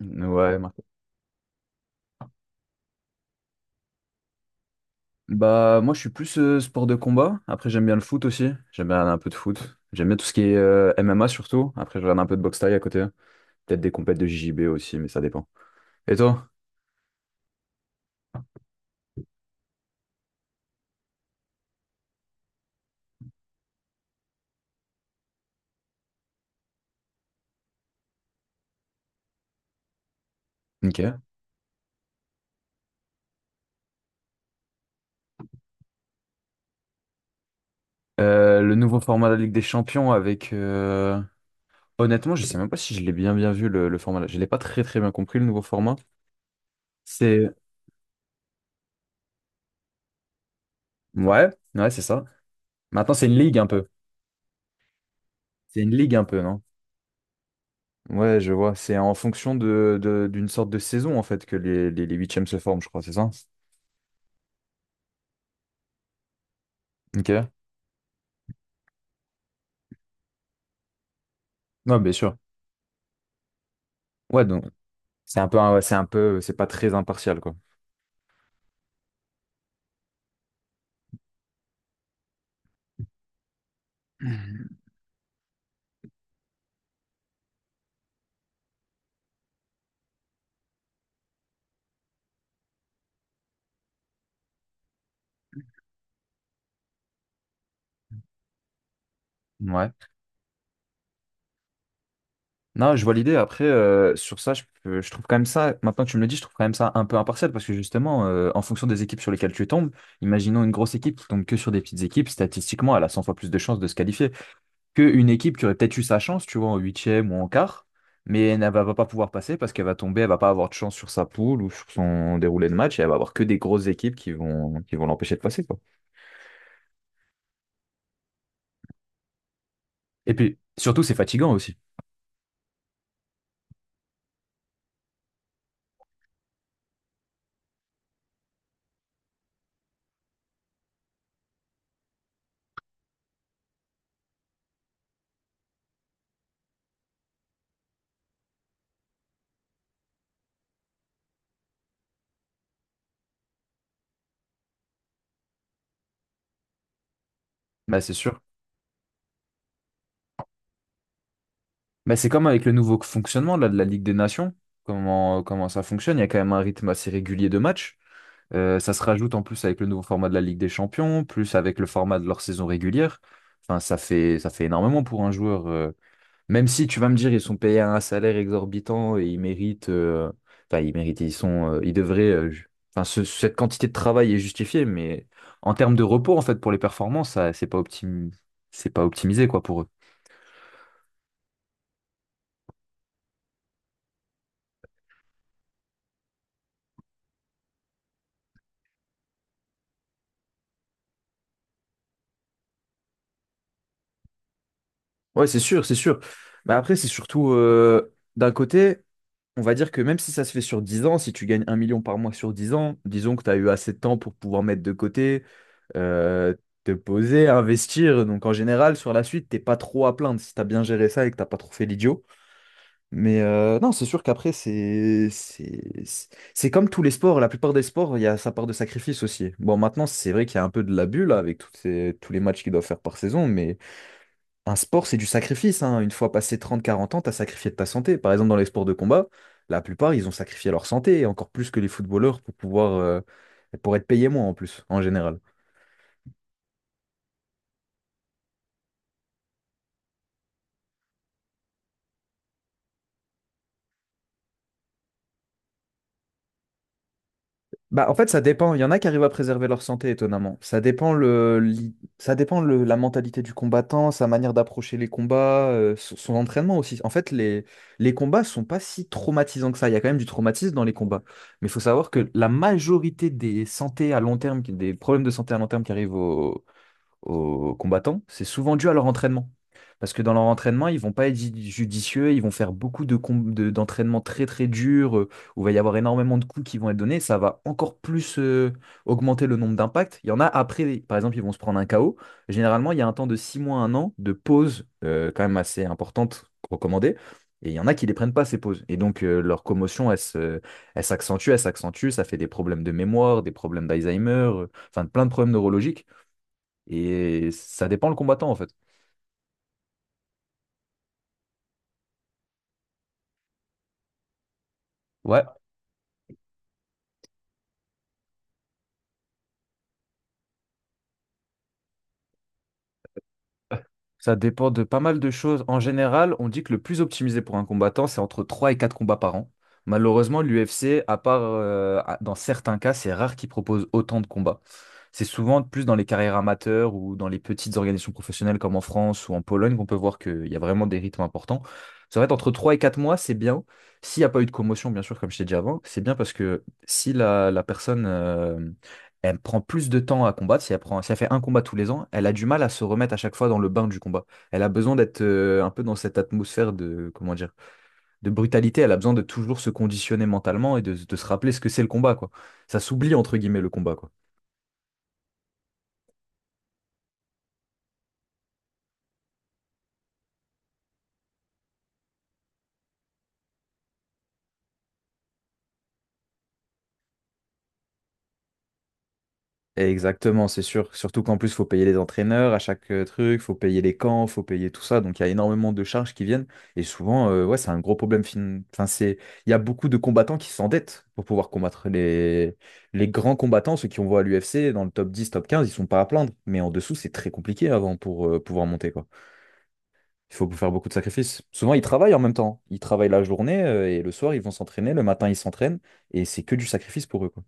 Ouais, Marco. Bah, moi, je suis plus sport de combat. Après, j'aime bien le foot aussi. J'aime bien un peu de foot. J'aime bien tout ce qui est MMA surtout. Après, je regarde un peu de boxe thaï à côté. Peut-être des compètes de JJB aussi, mais ça dépend. Et toi? Ok. Le nouveau format de la Ligue des Champions avec. Honnêtement, je sais même pas si je l'ai bien bien vu le format. Je l'ai pas très très bien compris le nouveau format. C'est. Ouais, ouais, c'est ça. Maintenant, c'est une ligue un peu. C'est une ligue un peu, non? Ouais, je vois. C'est en fonction d'une sorte de saison, en fait, que les, les huitièmes se forment, je crois, c'est ça? Ok. Ouais, bien sûr. Ouais, donc c'est un peu, ouais, c'est un peu, c'est pas très impartial, quoi. Ouais. Non, je vois l'idée. Après, sur ça, je trouve quand même ça, maintenant que tu me le dis, je trouve quand même ça un peu impartial parce que justement, en fonction des équipes sur lesquelles tu tombes, imaginons une grosse équipe qui tombe que sur des petites équipes, statistiquement, elle a 100 fois plus de chances de se qualifier. Qu'une équipe qui aurait peut-être eu sa chance, tu vois, en huitième ou en quart, mais elle ne va pas pouvoir passer parce qu'elle va tomber, elle va pas avoir de chance sur sa poule ou sur son déroulé de match, et elle va avoir que des grosses équipes qui vont l'empêcher de passer, quoi. Et puis, surtout, c'est fatigant aussi. Bah, c'est sûr. Bah, c'est comme avec le nouveau fonctionnement là, de la Ligue des Nations, comment ça fonctionne, il y a quand même un rythme assez régulier de match. Ça se rajoute en plus avec le nouveau format de la Ligue des Champions, plus avec le format de leur saison régulière. Enfin, ça fait énormément pour un joueur. Même si tu vas me dire, ils sont payés un salaire exorbitant et ils méritent, enfin ils méritent, ils sont, ils devraient, enfin cette quantité de travail est justifiée, mais en termes de repos en fait pour les performances, ça, c'est pas optimisé quoi pour eux. Ouais, c'est sûr, c'est sûr. Mais après, c'est surtout d'un côté. On va dire que même si ça se fait sur 10 ans, si tu gagnes 1 million par mois sur 10 ans, disons que tu as eu assez de temps pour pouvoir mettre de côté, euh, te poser, investir. Donc en général, sur la suite, t'es pas trop à plaindre si tu as bien géré ça et que t'as pas trop fait l'idiot. Mais non, c'est sûr qu'après, c'est comme tous les sports. La plupart des sports, il y a sa part de sacrifice aussi. Bon, maintenant, c'est vrai qu'il y a un peu de l'abus là avec toutes tous les matchs qu'ils doivent faire par saison, mais un sport, c'est du sacrifice, hein. Une fois passé 30, 40 ans, t'as sacrifié de ta santé. Par exemple, dans les sports de combat, la plupart, ils ont sacrifié leur santé, et encore plus que les footballeurs pour pouvoir, pour être payés moins en plus, en général. Bah, en fait, ça dépend. Il y en a qui arrivent à préserver leur santé, étonnamment. Ça dépend ça dépend la mentalité du combattant, sa manière d'approcher les combats, son entraînement aussi. En fait, les combats sont pas si traumatisants que ça. Il y a quand même du traumatisme dans les combats. Mais il faut savoir que la majorité des problèmes de santé à long terme qui arrivent aux combattants, c'est souvent dû à leur entraînement. Parce que dans leur entraînement, ils vont pas être judicieux, ils vont faire beaucoup de d'entraînements très très durs, où il va y avoir énormément de coups qui vont être donnés, ça va encore plus augmenter le nombre d'impacts. Il y en a après, par exemple, ils vont se prendre un KO. Généralement, il y a un temps de 6 mois, 1 an de pause quand même assez importante recommandée. Et il y en a qui ne les prennent pas ces pauses. Et donc leur commotion, elle s'accentue, ça fait des problèmes de mémoire, des problèmes d'Alzheimer, enfin plein de problèmes neurologiques. Et ça dépend le combattant, en fait. Ouais. Ça dépend de pas mal de choses. En général, on dit que le plus optimisé pour un combattant, c'est entre 3 et 4 combats par an. Malheureusement, l'UFC, à part dans certains cas, c'est rare qu'ils proposent autant de combats. C'est souvent plus dans les carrières amateurs ou dans les petites organisations professionnelles comme en France ou en Pologne qu'on peut voir qu'il y a vraiment des rythmes importants. Ça va être entre 3 et 4 mois, c'est bien. S'il n'y a pas eu de commotion, bien sûr, comme je t'ai dit avant, c'est bien parce que si la personne elle prend plus de temps à combattre. Si elle fait un combat tous les ans, elle a du mal à se remettre à chaque fois dans le bain du combat. Elle a besoin d'être un peu dans cette atmosphère comment dire, de brutalité. Elle a besoin de toujours se conditionner mentalement et de se rappeler ce que c'est le combat, quoi. Ça s'oublie, entre guillemets, le combat, quoi. Exactement, c'est sûr. Surtout qu'en plus, faut payer les entraîneurs à chaque truc, faut payer les camps, faut payer tout ça. Donc, il y a énormément de charges qui viennent. Et souvent, ouais, c'est un gros problème. Enfin, c'est... Il y a beaucoup de combattants qui s'endettent pour pouvoir combattre les grands combattants, ceux qui on voit à l'UFC, dans le top 10, top 15, ils sont pas à plaindre. Mais en dessous, c'est très compliqué avant pour pouvoir monter, quoi. Il faut faire beaucoup de sacrifices. Souvent, ils travaillent en même temps. Ils travaillent la journée et le soir, ils vont s'entraîner. Le matin, ils s'entraînent. Et c'est que du sacrifice pour eux, quoi.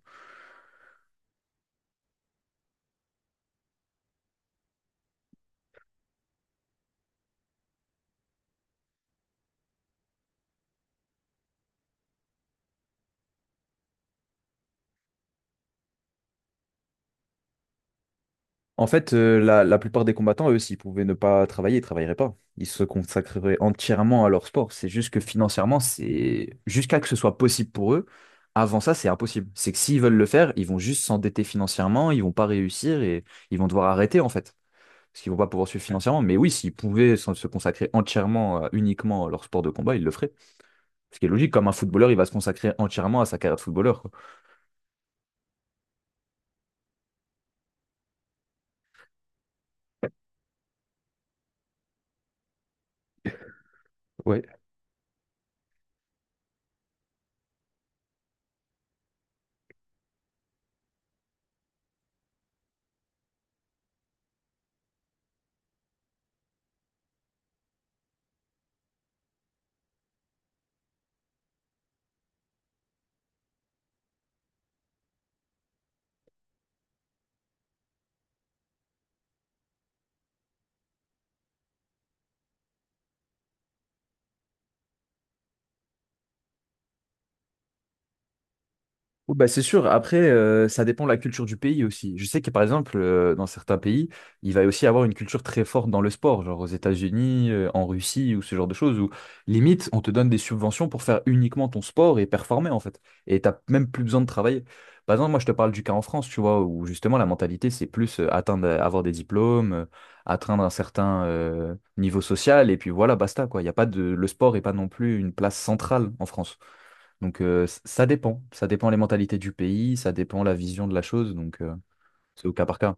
En fait, la plupart des combattants, eux, s'ils pouvaient ne pas travailler, ils travailleraient pas. Ils se consacreraient entièrement à leur sport. C'est juste que financièrement, c'est jusqu'à que ce soit possible pour eux. Avant ça, c'est impossible. C'est que s'ils veulent le faire, ils vont juste s'endetter financièrement, ils vont pas réussir et ils vont devoir arrêter, en fait. Parce qu'ils vont pas pouvoir suivre financièrement. Mais oui, s'ils pouvaient se consacrer entièrement, uniquement à leur sport de combat, ils le feraient. Ce qui est logique, comme un footballeur, il va se consacrer entièrement à sa carrière de footballeur, quoi. Ouais. Oui, bah, c'est sûr. Après, ça dépend de la culture du pays aussi. Je sais que par exemple, dans certains pays, il va aussi avoir une culture très forte dans le sport, genre aux États-Unis, en Russie ou ce genre de choses, où limite, on te donne des subventions pour faire uniquement ton sport et performer en fait. Et t'as même plus besoin de travailler. Par exemple, moi, je te parle du cas en France, tu vois, où justement la mentalité, c'est plus atteindre, avoir des diplômes, atteindre un certain niveau social, et puis voilà, basta, quoi. Il y a pas de... Le sport n'est pas non plus une place centrale en France. Donc ça dépend les mentalités du pays, ça dépend la vision de la chose, donc c'est au cas par cas.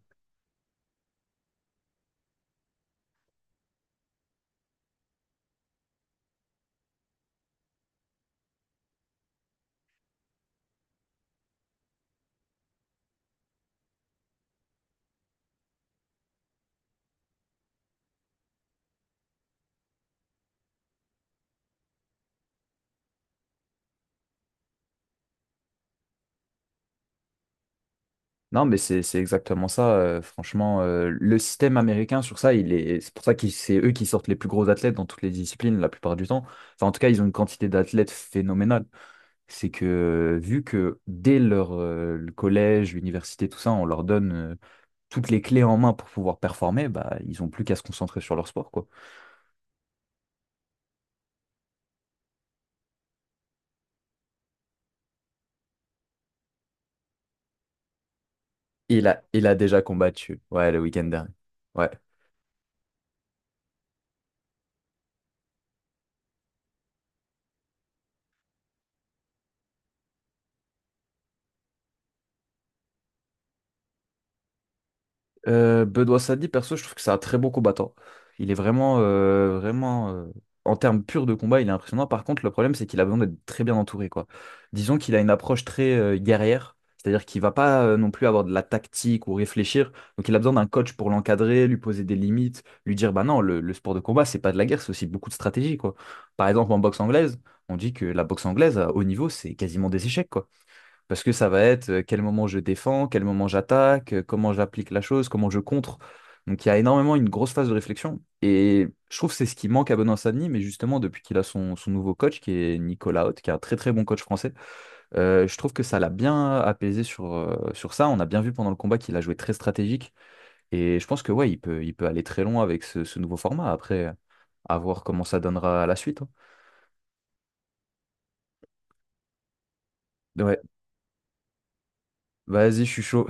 Non, mais c'est exactement ça. Franchement, le système américain sur ça, c'est pour ça que c'est eux qui sortent les plus gros athlètes dans toutes les disciplines la plupart du temps. Enfin, en tout cas, ils ont une quantité d'athlètes phénoménale. C'est que vu que dès leur le collège, l'université, tout ça, on leur donne toutes les clés en main pour pouvoir performer, bah ils ont plus qu'à se concentrer sur leur sport, quoi. Il a déjà combattu, ouais, le week-end dernier. Ouais. Bedoya Sadi, perso, je trouve que c'est un très bon combattant. Il est vraiment, vraiment, en termes purs de combat, il est impressionnant. Par contre, le problème, c'est qu'il a besoin d'être très bien entouré, quoi. Disons qu'il a une approche très guerrière, c'est-à-dire qu'il va pas non plus avoir de la tactique ou réfléchir. Donc, il a besoin d'un coach pour l'encadrer, lui poser des limites, lui dire, bah non, le sport de combat, c'est pas de la guerre, c'est aussi beaucoup de stratégie, quoi. Par exemple, en boxe anglaise, on dit que la boxe anglaise à haut niveau, c'est quasiment des échecs, quoi. Parce que ça va être quel moment je défends, quel moment j'attaque, comment j'applique la chose, comment je contre. Donc il y a énormément une grosse phase de réflexion. Et je trouve que c'est ce qui manque à Benoît Savigny, mais justement depuis qu'il a son nouveau coach, qui est Nicolas Haute, qui est un très très bon coach français, je trouve que ça l'a bien apaisé sur ça. On a bien vu pendant le combat qu'il a joué très stratégique. Et je pense que ouais, il peut aller très loin avec ce nouveau format. Après, à voir comment ça donnera à la suite, hein. Ouais, vas-y, je suis chaud.